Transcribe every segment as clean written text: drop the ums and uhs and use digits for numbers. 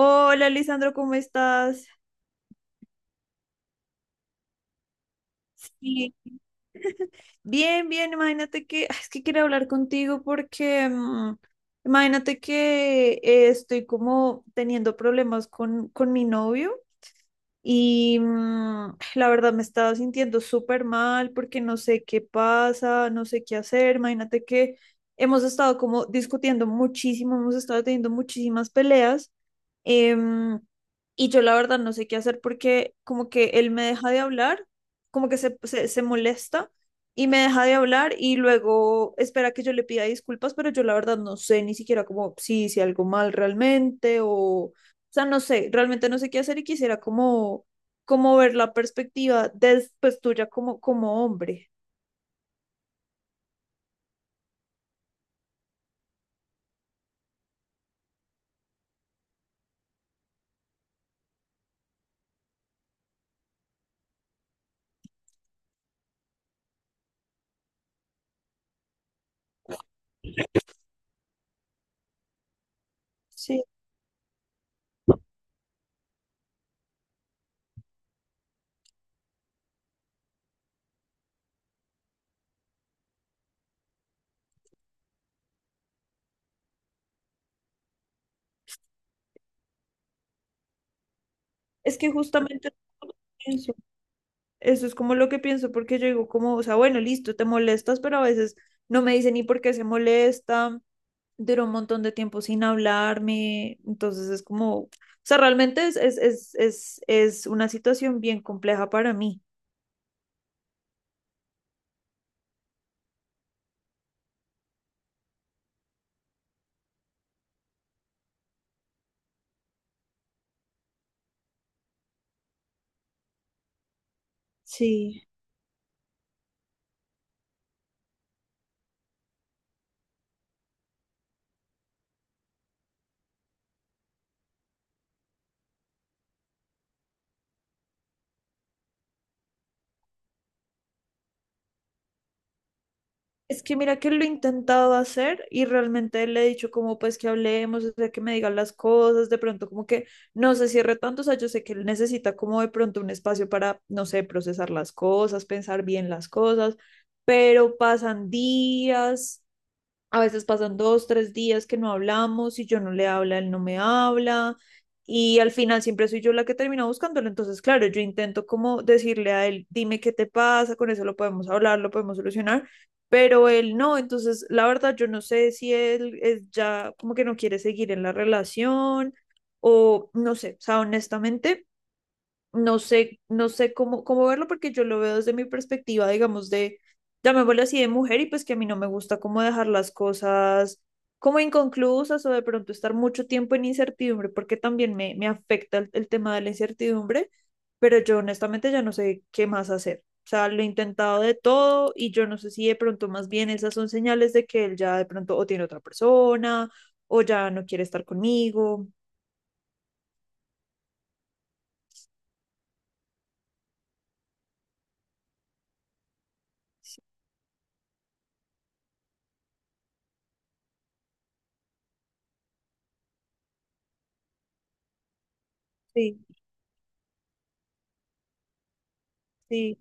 Hola, Lisandro, ¿cómo estás? Sí. Bien, bien, imagínate que, es que quiero hablar contigo porque, imagínate que estoy como teniendo problemas con mi novio. Y la verdad me estaba sintiendo súper mal porque no sé qué pasa, no sé qué hacer. Imagínate que hemos estado como discutiendo muchísimo, hemos estado teniendo muchísimas peleas. em, y yo la verdad no sé qué hacer porque como que él me deja de hablar, como que se molesta y me deja de hablar y luego espera que yo le pida disculpas, pero yo la verdad no sé ni siquiera como si hice algo mal realmente o sea, no sé, realmente no sé qué hacer y quisiera como, como ver la perspectiva después pues, tuya como, como hombre. Sí, es que justamente eso pienso. Eso es como lo que pienso, porque yo digo como, o sea, bueno, listo, te molestas, pero a veces no me dice ni por qué se molesta, duró un montón de tiempo sin hablarme, entonces es como, o sea, realmente es una situación bien compleja para mí. Sí. Es que mira que lo he intentado hacer y realmente le he dicho como pues que hablemos, o sea, que me digan las cosas, de pronto como que no se cierre tanto, o sea, yo sé que él necesita como de pronto un espacio para, no sé, procesar las cosas, pensar bien las cosas, pero pasan días a veces pasan dos, tres días que no hablamos y yo no le habla, él no me habla. Y al final siempre soy yo la que termina buscándolo. Entonces, claro, yo intento como decirle a él, dime qué te pasa, con eso lo podemos hablar, lo podemos solucionar, pero él no. Entonces, la verdad, yo no sé si él es ya como que no quiere seguir en la relación o no sé, o sea, honestamente no sé, no sé cómo, cómo verlo porque yo lo veo desde mi perspectiva, digamos, de, llamémoslo así, de mujer y pues que a mí no me gusta cómo dejar las cosas como inconclusas o de pronto estar mucho tiempo en incertidumbre porque también me afecta el tema de la incertidumbre, pero yo honestamente ya no sé qué más hacer. O sea, lo he intentado de todo y yo no sé si de pronto más bien esas son señales de que él ya de pronto o tiene otra persona o ya no quiere estar conmigo. Sí, sí.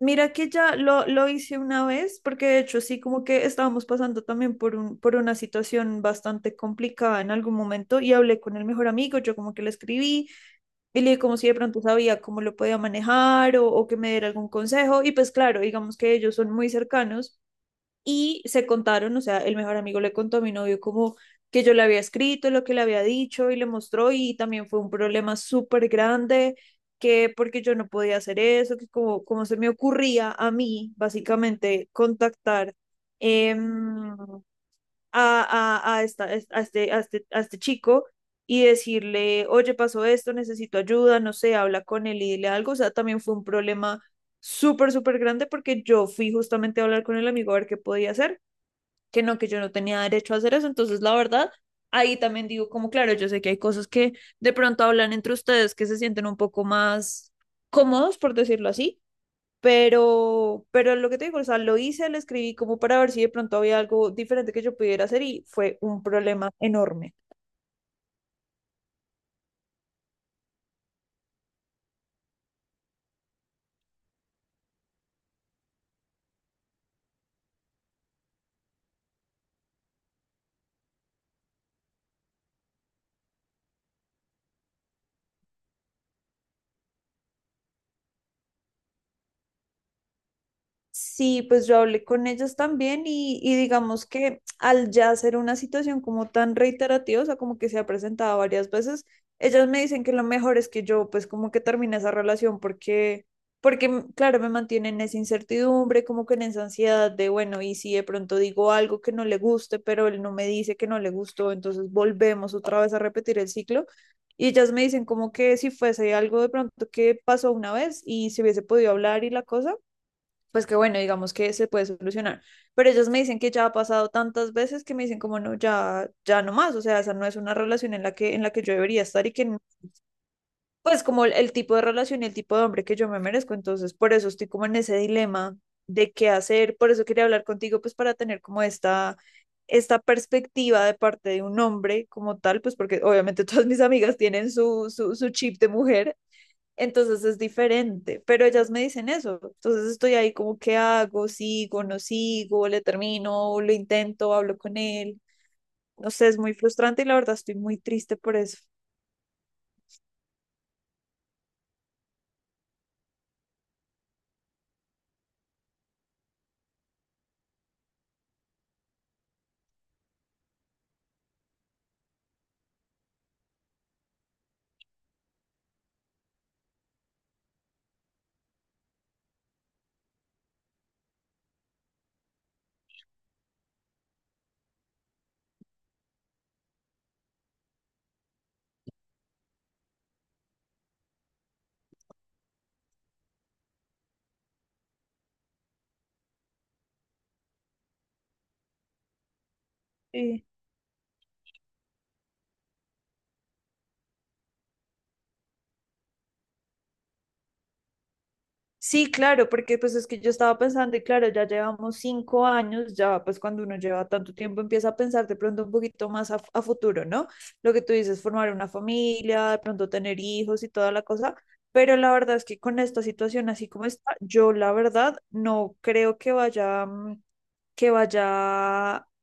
Mira que ya lo hice una vez, porque de hecho sí, como que estábamos pasando también por un, por una situación bastante complicada en algún momento y hablé con el mejor amigo, yo como que le escribí y le dije como si de pronto sabía cómo lo podía manejar o que me diera algún consejo y pues claro, digamos que ellos son muy cercanos y se contaron, o sea, el mejor amigo le contó a mi novio como que yo le había escrito, lo que le había dicho y le mostró y también fue un problema súper grande, que porque yo no podía hacer eso, que como, como se me ocurría a mí, básicamente, contactar em, a, a, esta, a, este, a, este, a este chico y decirle, oye, pasó esto, necesito ayuda, no sé, habla con él y dile algo, o sea, también fue un problema súper, súper grande porque yo fui justamente a hablar con el amigo a ver qué podía hacer que no, que yo no tenía derecho a hacer eso. Entonces, la verdad, ahí también digo como, claro, yo sé que hay cosas que de pronto hablan entre ustedes que se sienten un poco más cómodos, por decirlo así, pero lo que te digo, o sea, lo hice, lo escribí como para ver si de pronto había algo diferente que yo pudiera hacer y fue un problema enorme. Sí, pues yo hablé con ellas también y digamos que al ya ser una situación como tan reiterativa, o sea, como que se ha presentado varias veces, ellas me dicen que lo mejor es que yo pues como que termine esa relación porque, porque claro, me mantienen en esa incertidumbre, como que en esa ansiedad de, bueno, y si de pronto digo algo que no le guste, pero él no me dice que no le gustó, entonces volvemos otra vez a repetir el ciclo. Y ellas me dicen como que si fuese algo de pronto que pasó una vez y se hubiese podido hablar y la cosa pues que bueno, digamos que se puede solucionar. Pero ellas me dicen que ya ha pasado tantas veces que me dicen como no, ya, ya no más, o sea, esa no es una relación en la que yo debería estar y que, pues como el tipo de relación y el tipo de hombre que yo me merezco, entonces por eso estoy como en ese dilema de qué hacer, por eso quería hablar contigo, pues para tener como esta perspectiva de parte de un hombre como tal, pues porque obviamente todas mis amigas tienen su chip de mujer, entonces es diferente, pero ellas me dicen eso, entonces estoy ahí como, ¿qué hago? ¿Sigo? ¿No sigo? ¿Le termino? ¿Lo intento? ¿Hablo con él? No sé, es muy frustrante y la verdad estoy muy triste por eso. Sí. Sí, claro, porque pues es que yo estaba pensando y claro, ya llevamos 5 años, ya pues cuando uno lleva tanto tiempo empieza a pensar de pronto un poquito más a futuro, ¿no? Lo que tú dices, formar una familia, de pronto tener hijos y toda la cosa, pero la verdad es que con esta situación así como está, yo la verdad no creo que vaya, que vaya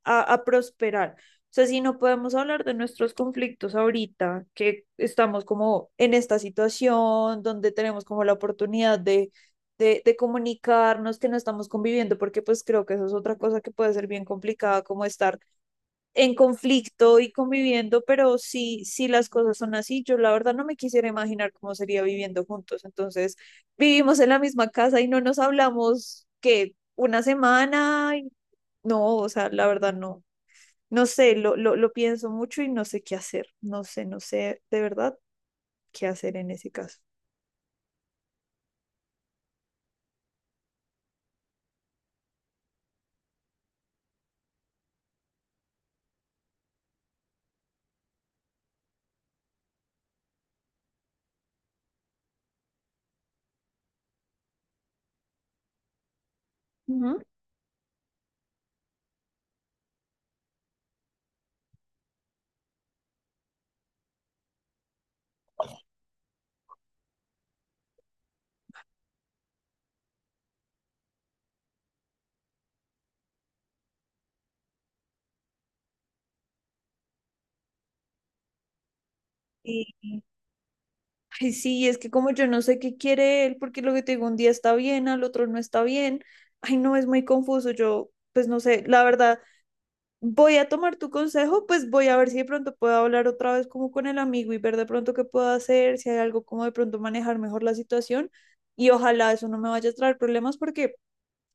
a prosperar. O sea, si no podemos hablar de nuestros conflictos ahorita, que estamos como en esta situación donde tenemos como la oportunidad de de comunicarnos que no estamos conviviendo, porque pues creo que eso es otra cosa que puede ser bien complicada, como estar en conflicto y conviviendo, pero sí, sí las cosas son así, yo la verdad no me quisiera imaginar cómo sería viviendo juntos. Entonces, vivimos en la misma casa y no nos hablamos que una semana, y no, o sea, la verdad no. No sé, lo pienso mucho y no sé qué hacer. No sé, no sé de verdad qué hacer en ese caso. Ujú. Ay, sí, es que como yo no sé qué quiere él, porque lo que te digo, un día está bien, al otro no está bien. Ay, no, es muy confuso. Yo, pues no sé, la verdad, voy a tomar tu consejo, pues voy a ver si de pronto puedo hablar otra vez como con el amigo y ver de pronto qué puedo hacer, si hay algo como de pronto manejar mejor la situación. Y ojalá eso no me vaya a traer problemas porque,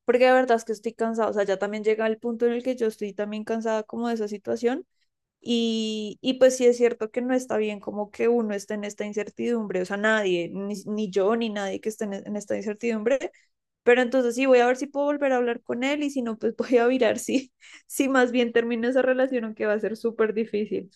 porque de verdad es que estoy cansada. O sea, ya también llega el punto en el que yo estoy también cansada como de esa situación y pues sí es cierto que no está bien como que uno esté en esta incertidumbre, o sea, nadie, ni yo, ni nadie que esté en esta incertidumbre, pero entonces sí voy a ver si puedo volver a hablar con él y si no, pues voy a mirar si, si más bien termino esa relación, aunque va a ser súper difícil.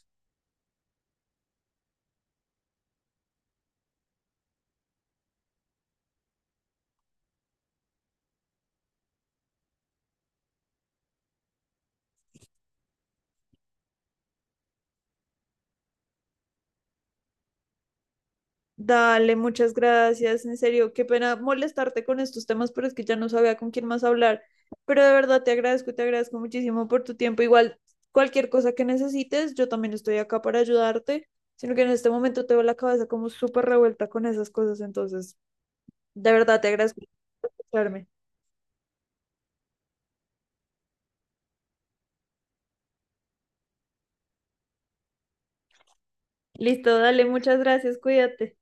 Dale, muchas gracias. En serio, qué pena molestarte con estos temas, pero es que ya no sabía con quién más hablar. Pero de verdad te agradezco muchísimo por tu tiempo. Igual, cualquier cosa que necesites, yo también estoy acá para ayudarte, sino que en este momento tengo la cabeza como súper revuelta con esas cosas. Entonces, de verdad te agradezco por escucharme. Listo, dale, muchas gracias, cuídate.